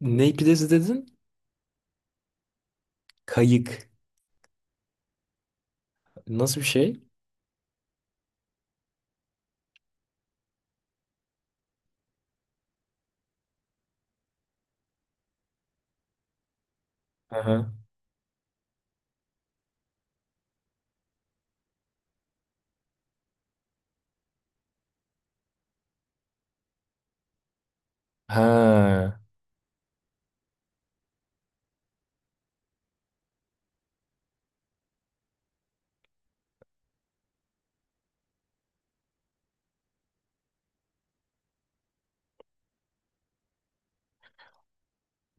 Ne pidesi dedin? Kayık. Nasıl bir şey? Aha. Ha.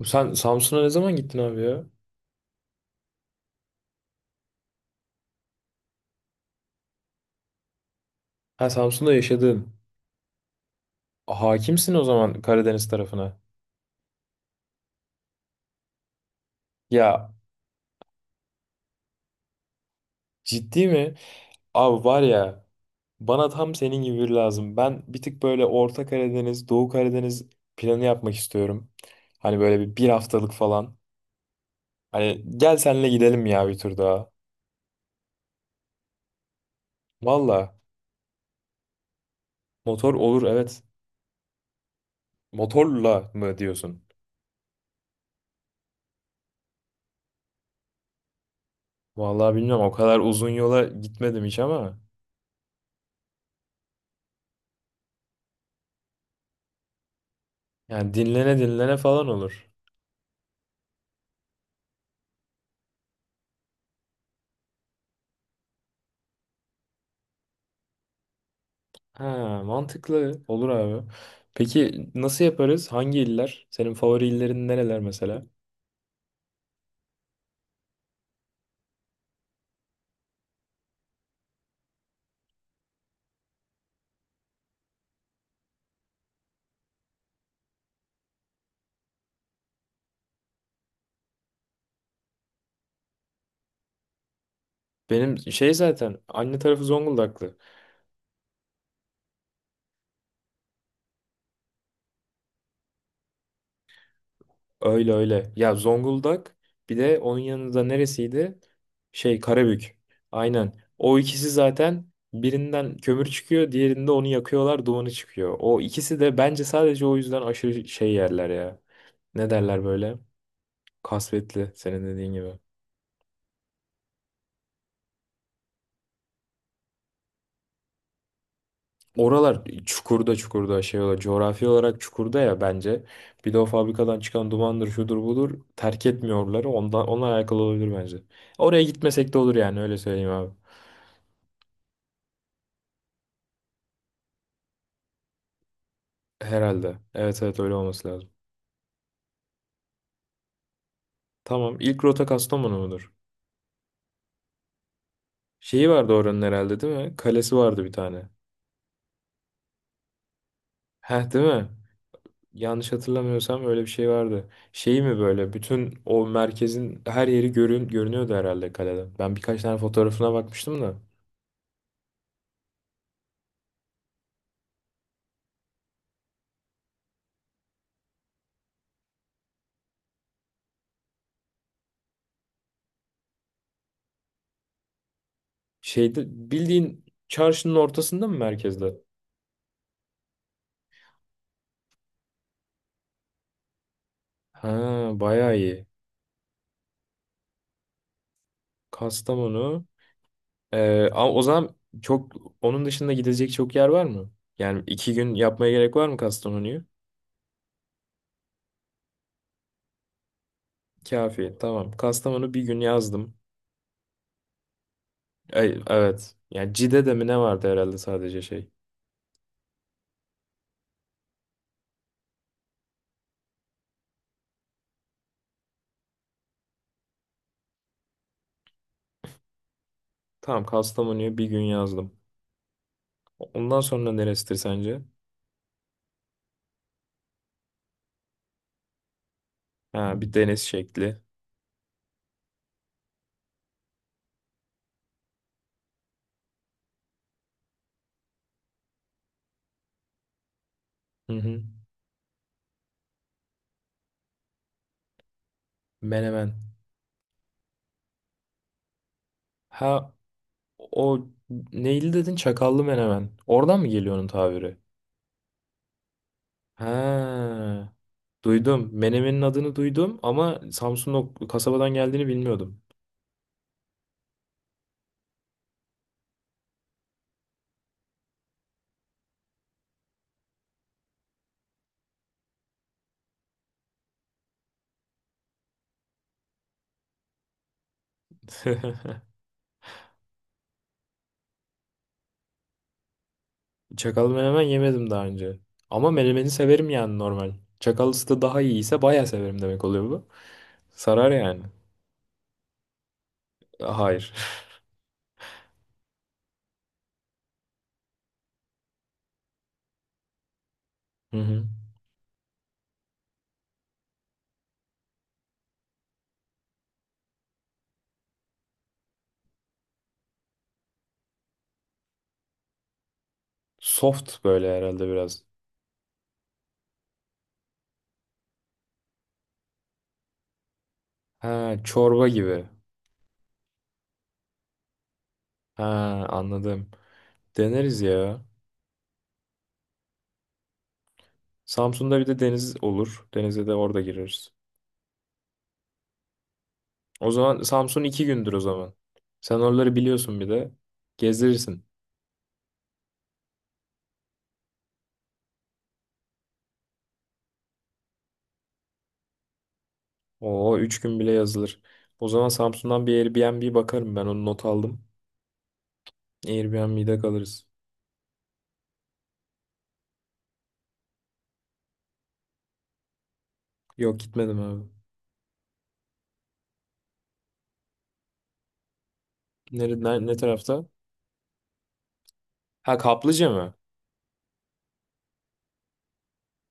Sen Samsun'a ne zaman gittin abi ya? Ha, Samsun'da yaşadın. Hakimsin o zaman Karadeniz tarafına. Ya, ciddi mi? Abi var ya, bana tam senin gibi biri lazım. Ben bir tık böyle Orta Karadeniz, Doğu Karadeniz planı yapmak istiyorum. Hani böyle bir haftalık falan. Hani gel senle gidelim ya bir tur daha. Valla motor olur, evet. Motorla mı diyorsun? Vallahi bilmiyorum, o kadar uzun yola gitmedim hiç ama yani dinlene dinlene falan olur. Ha, mantıklı olur abi. Peki nasıl yaparız? Hangi iller? Senin favori illerin nereler mesela? Benim şey zaten anne tarafı Zonguldaklı. Öyle öyle. Ya Zonguldak, bir de onun yanında neresiydi? Şey, Karabük. Aynen. O ikisi zaten birinden kömür çıkıyor, diğerinde onu yakıyorlar, dumanı çıkıyor. O ikisi de bence sadece o yüzden aşırı şey yerler ya. Ne derler böyle? Kasvetli, senin dediğin gibi. Oralar çukurda çukurda şey olarak coğrafi olarak çukurda ya bence. Bir de o fabrikadan çıkan dumandır şudur budur terk etmiyorlar. Onlar alakalı olabilir bence. Oraya gitmesek de olur yani, öyle söyleyeyim abi. Herhalde. Evet evet, öyle olması lazım. Tamam, ilk rota Kastamonu mudur? Şeyi vardı oranın herhalde, değil mi? Kalesi vardı bir tane. Heh, değil mi? Yanlış hatırlamıyorsam öyle bir şey vardı. Şey mi, böyle bütün o merkezin her yeri görünüyordu herhalde kaleden. Ben birkaç tane fotoğrafına bakmıştım da. Şeyde, bildiğin çarşının ortasında mı, merkezde? Ha, bayağı iyi. Kastamonu. Ama o zaman çok onun dışında gidecek çok yer var mı? Yani 2 gün yapmaya gerek var mı Kastamonu'yu? Kafi. Tamam. Kastamonu bir gün yazdım. Ay, evet. Yani Cide'de mi ne vardı herhalde, sadece şey. Tamam, Kastamonu'yu bir gün yazdım. Ondan sonra neresidir sence? Ha, bir deniz şekli. Hı hı. Menemen. Ha, o neyli dedin? Çakallı menemen. Oradan mı geliyor onun tabiri? Ha, duydum. Menemenin adını duydum ama Samsun o kasabadan geldiğini bilmiyordum. Çakallı menemen yemedim daha önce. Ama menemeni severim yani, normal. Çakallısı da daha iyiyse bayağı severim demek oluyor bu. Sarar yani. Hayır. Hı hı. Soft böyle herhalde biraz. Ha, çorba gibi. Ha, anladım. Deneriz ya. Samsun'da bir de deniz olur. Denize de orada gireriz. O zaman Samsun 2 gündür o zaman. Sen oraları biliyorsun bir de. Gezdirirsin. Oo, 3 gün bile yazılır. O zaman Samsun'dan bir Airbnb bakarım, ben onu not aldım. Airbnb'de kalırız. Yok, gitmedim abi. Ne tarafta? Ha, kaplıca mı?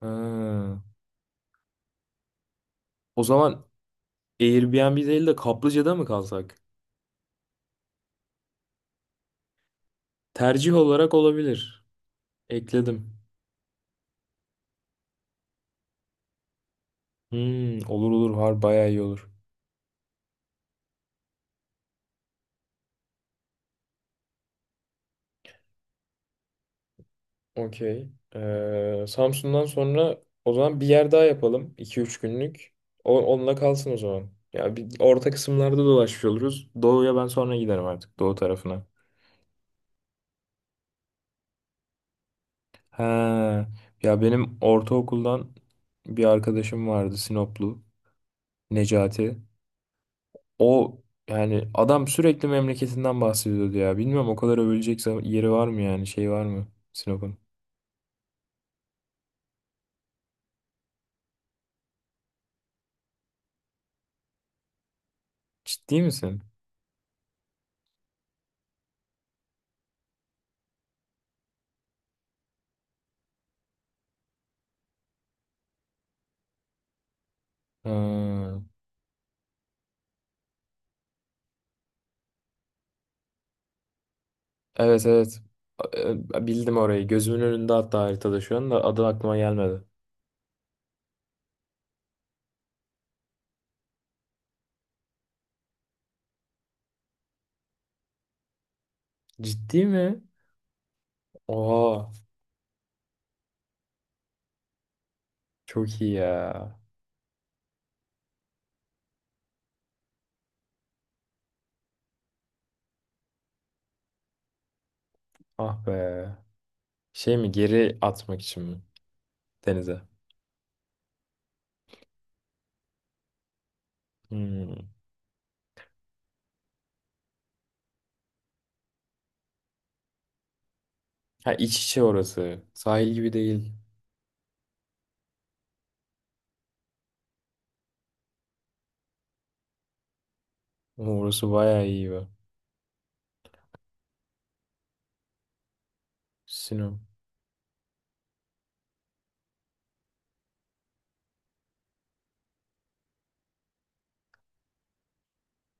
Ha. O zaman Airbnb değil de kaplıcada mı kalsak? Tercih olarak olabilir. Ekledim. Hmm, olur olur, bayağı iyi olur. Okey. Samsun'dan sonra o zaman bir yer daha yapalım. 2-3 günlük. O, onunla kalsın o zaman. Ya bir orta kısımlarda dolaşmış oluruz. Doğu'ya ben sonra giderim artık. Doğu tarafına. He. Ya benim ortaokuldan bir arkadaşım vardı, Sinoplu. Necati. O, yani adam sürekli memleketinden bahsediyordu ya. Bilmiyorum o kadar övülecek yeri var mı, yani şey var mı Sinop'un? Ciddi misin? Ha. Evet evet. Bildim orayı. Gözümün önünde, hatta haritada şu anda adı aklıma gelmedi. Ciddi mi? Oha. Çok iyi ya. Ah be. Şey mi, geri atmak için mi? Denize. Hmm. Ha, iç içe orası. Sahil gibi değil. Ama orası bayağı iyi be. Sinop.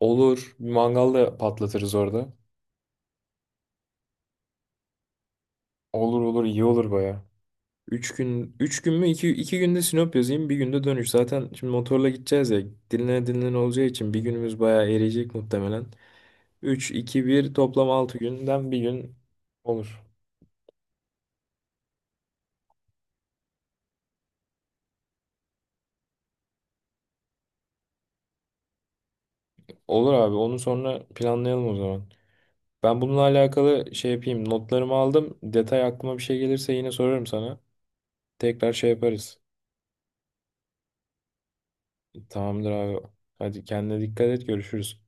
Olur. Bir mangal da patlatırız orada. Olur olur, iyi olur bayağı. 3 gün, 3 gün mü? İki günde Sinop yazayım, bir günde dönüş. Zaten şimdi motorla gideceğiz ya. Dinlene dinlene olacağı için bir günümüz bayağı eriyecek muhtemelen. Üç, iki, bir, toplam 6 günden bir gün olur. Olur abi. Onu sonra planlayalım o zaman. Ben bununla alakalı şey yapayım. Notlarımı aldım. Detay aklıma bir şey gelirse yine sorarım sana. Tekrar şey yaparız. Tamamdır abi. Hadi kendine dikkat et. Görüşürüz.